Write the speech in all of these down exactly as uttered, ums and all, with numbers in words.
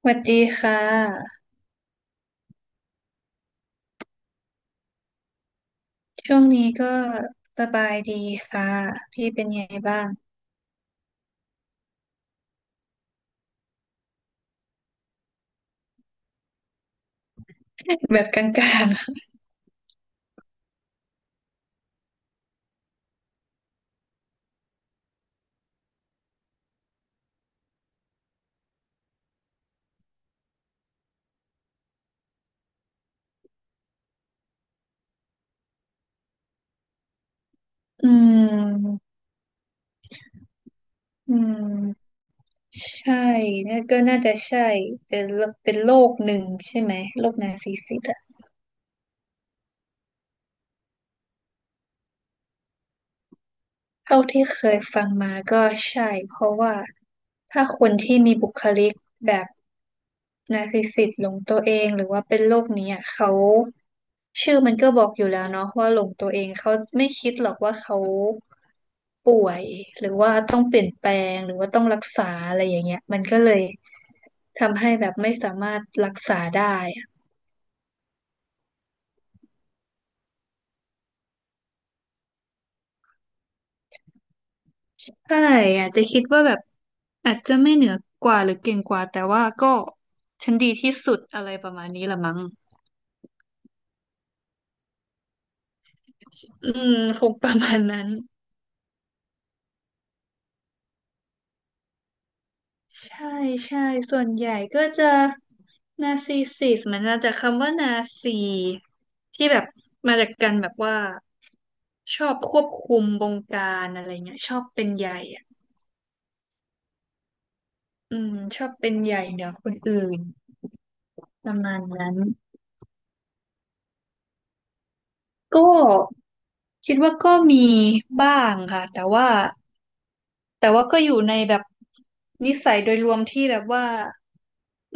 สวัสดีค่ะช่วงนี้ก็สบายดีค่ะพี่เป็นไงบ้างแบบกลางๆ อืมอืมใช่น่าก็น่าจะใช่เป็นโรเป็นโรคหนึ่งใช่ไหมโรคนาร์ซิสซิสต์อะเท่าที่เคยฟังมาก็ใช่เพราะว่าถ้าคนที่มีบุคลิกแบบนาร์ซิสซิสต์หลงตัวเองหรือว่าเป็นโรคนี้อะเขาชื่อมันก็บอกอยู่แล้วเนาะว่าหลงตัวเองเขาไม่คิดหรอกว่าเขา ป่วยหรือว่าต้องเปลี่ยนแปลงหรือว่าต้องรักษาอะไรอย่างเงี้ยมันก็เลยทำให้แบบไม่สามารถรักษาได้อะใช่อาจจะคิดว่าแบบอาจจะไม่เหนือกว่าหรือเก่งกว่าแต่ว่าก็ฉันดีที่สุดอะไรประมาณนี้ละมั้งอืมคงประมาณนั้นใช่ใช่ส่วนใหญ่ก็จะนาร์ซิสซิสมันมาจากคำว่านาซีที่แบบมาจากกันแบบว่าชอบควบคุมบงการอะไรเงี้ยชอบเป็นใหญ่อะ อืมชอบเป็นใหญ่เหนือคนอื่นประมาณนั้นก็คิดว่าก็มีบ้างค่ะแต่ว่าแต่ว่าก็อยู่ในแบบนิสัยโดยรวมที่แบบว่า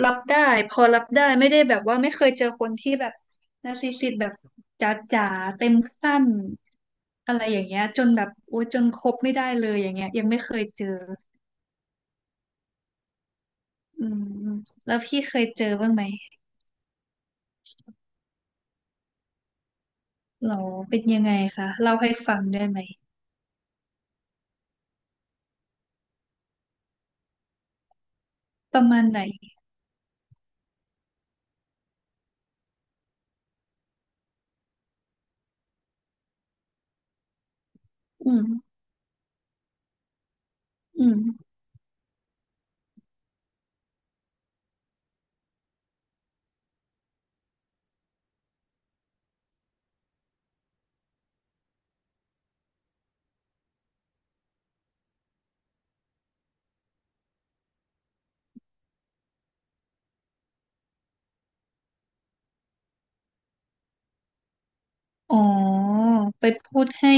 รับได้พอรับได้ไม่ได้แบบว่าไม่เคยเจอคนที่แบบนาร์ซิสซิสต์แบบจ๋าๆเต็มขั้นอะไรอย่างเงี้ยจนแบบโอ้จนคบไม่ได้เลยอย่างเงี้ยยังไม่เคยเจออืมแล้วพี่เคยเจอบ้างไหมหรอเป็นยังไงคะเล่าให้ฟังได้ไหม ประมาณไหนอืมอืมอ๋อไปพูดให้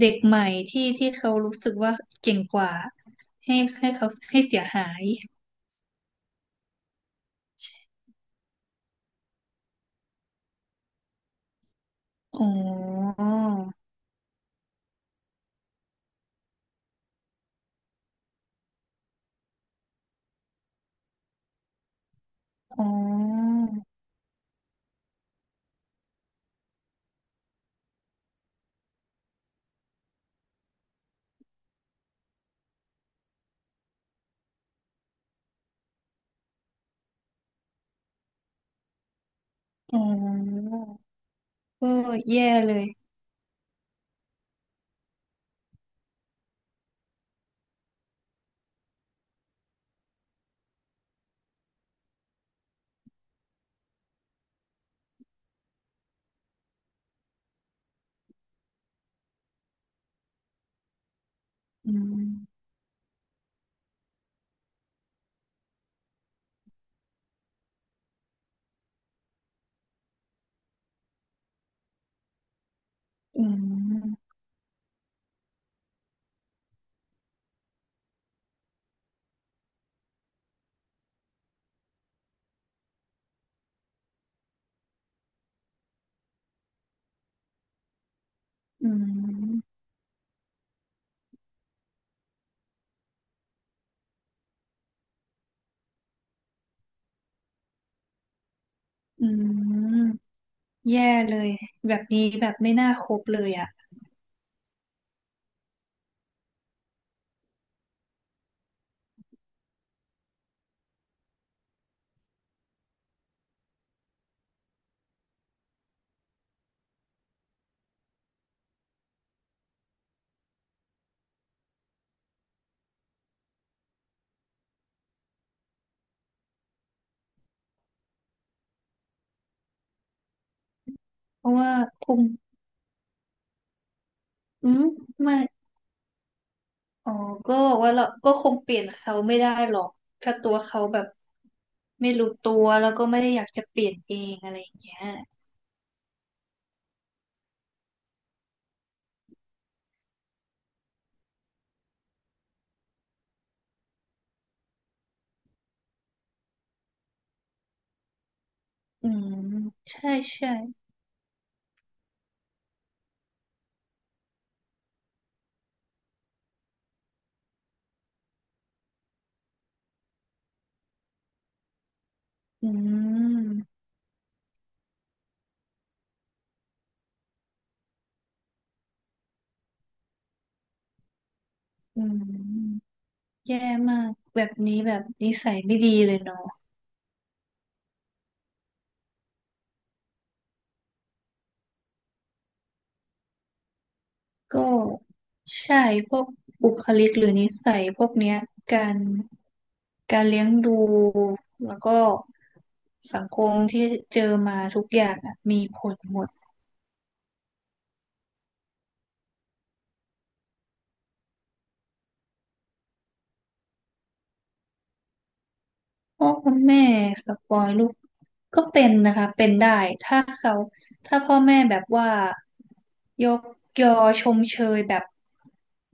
เด็กใหม่ที่ที่เขารู้สึกว่าเก่งกว่าให้ให้เขาให้เสียหายอ๋ออ๋ออ๋อก็แย่เลยอืมอืมอืมอืมแย่เลยแบบนี้แบบไม่น่าคบเลยอ่ะเพราะว่าคงอืมไม่ อ๋อก็บอกว่าเราก็คงเปลี่ยนเขาไม่ได้หรอกถ้าตัวเขาแบบไม่รู้ตัวแล้วก็ไม่ได้อยากจะเปลี่ยนเองอะไรอย่างเงี้ยอืมใช่ใช่อืมอืมแย่มากแบบนี้แบบนิสัยไม่ดีเลยเนาะก็ใช่พวกบุคลิกหรือนิสัยพวกเนี้ยการการเลี้ยงดูแล้วก็สังคมที่เจอมาทุกอย่างอะมีผลหมด พ่อคุณแม่สปอยลูกก็เป็นนะคะเป็นได้ถ้าเขาถ้าพ่อแม่แบบว่ายกยอชมเชยแบบ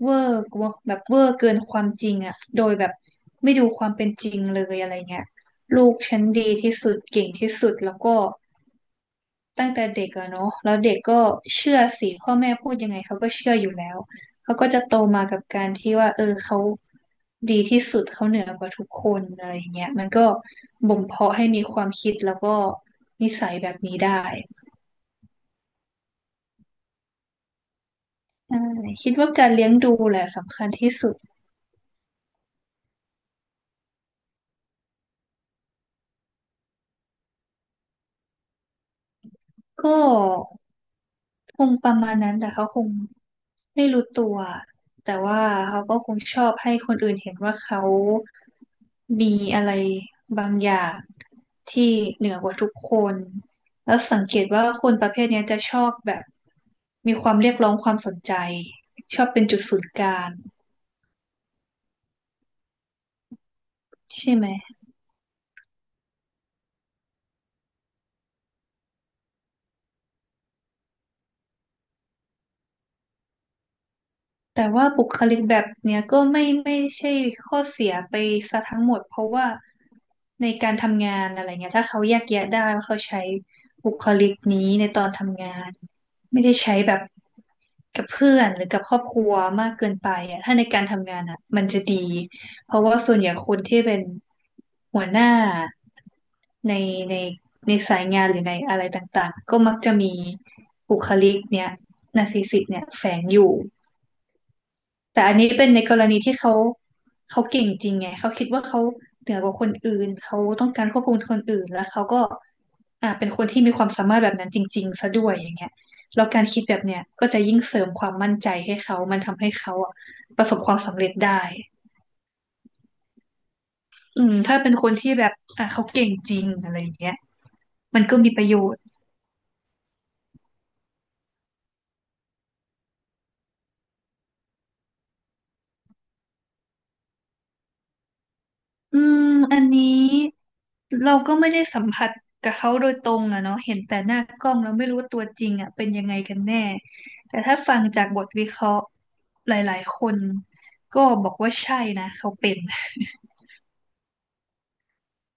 เวอร์กว่าแบบเวอร์เกินความจริงอะโดยแบบไม่ดูความเป็นจริงเลยอะไรเงี้ยลูกฉันดีที่สุดเก่งที่สุดแล้วก็ ตั้งแต่เด็กอะเนาะแล้วเด็กก็เชื่อสิพ่อแม่พูดยังไงเขาก็เชื่ออยู่แล้วเขาก็จะโตมากับการที่ว่าเออเขาดีที่สุดเขาเหนือกว่าทุกคนอะไรอย่างเงี้ยมันก็บ่มเพาะให้มีความคิดแล้วก็นิสัยแบบนี้ได้ใช่คิดว่าการเลี้ยงดูแหละสำคัญที่สุดก็คงประมาณนั้นแต่เขาคง ไม่รู้ตัวแต่ว่าเขาก็คงชอบให้คนอื่นเห็นว่าเขามีอะไรบางอย่างที่เหนือกว่าทุกคนแล้วสังเกตว่าคนประเภทเนี้ยจะชอบแบบมีความเรียกร้องความสนใจชอบเป็นจุดศูนย์กลางใช่ไหม แต่ว่าบุคลิกแบบเนี้ยก็ไม่ไม่ใช่ข้อเสียไปซะทั้งหมดเพราะว่าในการทำงานอะไรเงี้ยถ้าเขาแยกแยะได้ว่าเขาใช้บุคลิกนี้ในตอนทำงานไม่ได้ใช้แบบกับเพื่อนหรือกับครอบครัวมากเกินไปอ่ะถ้าในการทำงานอ่ะมันจะดีเพราะว่าส่วนใหญ่คนที่เป็นหัวหน้าในในในสายงานหรือในอะไรต่างๆก็มักจะมีบุคลิกเนี้ยนาร์ซิสสิกเนี่ยแฝงอยู่ แต่อันนี้เป็นในกรณีที่เขาเขาเก่งจริงไงเขาคิดว่าเขาเหนือกว่าคนอื่นเขาต้องการควบคุมคนอื่นแล้วเขาก็อ่าเป็นคนที่มีความสามารถแบบนั้นจริงๆซะด้วยอย่างเงี้ยแล้วการคิดแบบเนี้ยก็จะยิ่งเสริมความมั่นใจให้เขามันทำให้เขาอ่ะประสบความสำเร็จได้อืมถ้าเป็นคนที่แบบอ่าเขาเก่งจริงอะไรอย่างเงี้ยมันก็มีประโยชน์ อืมอันนี้เราก็ไม่ได้สัมผัสกับเขาโดยตรงอะเนาะเห็นแต่หน้ากล้องเราไม่รู้ว่าตัวจริงอะเป็นยังไงกันแน่แต่ถ้าฟังจากบทวิเคราะห์หลายๆคนก็บอกว่าใช่นะเขาเป็น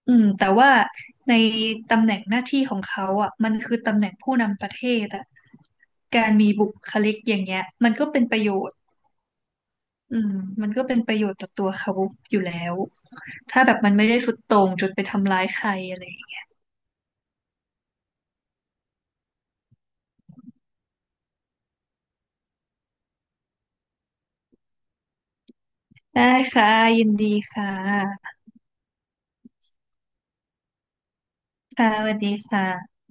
อืมแต่ว่าในตำแหน่งหน้าที่ของเขาอ่ะมันคือตำแหน่งผู้นำประเทศอ่ะการมีบุคลิกอย่างเงี้ยมันก็เป็นประโยชน์อืมมันก็เป็นประโยชน์ต่อตัวเขาอยู่แล้วถ้าแบบมันไม่ได้สุดโต่งจนไปทำร้ายใครอะไร ได้ค่ะยินดีค่ะค่ะสวัสดีค่ะ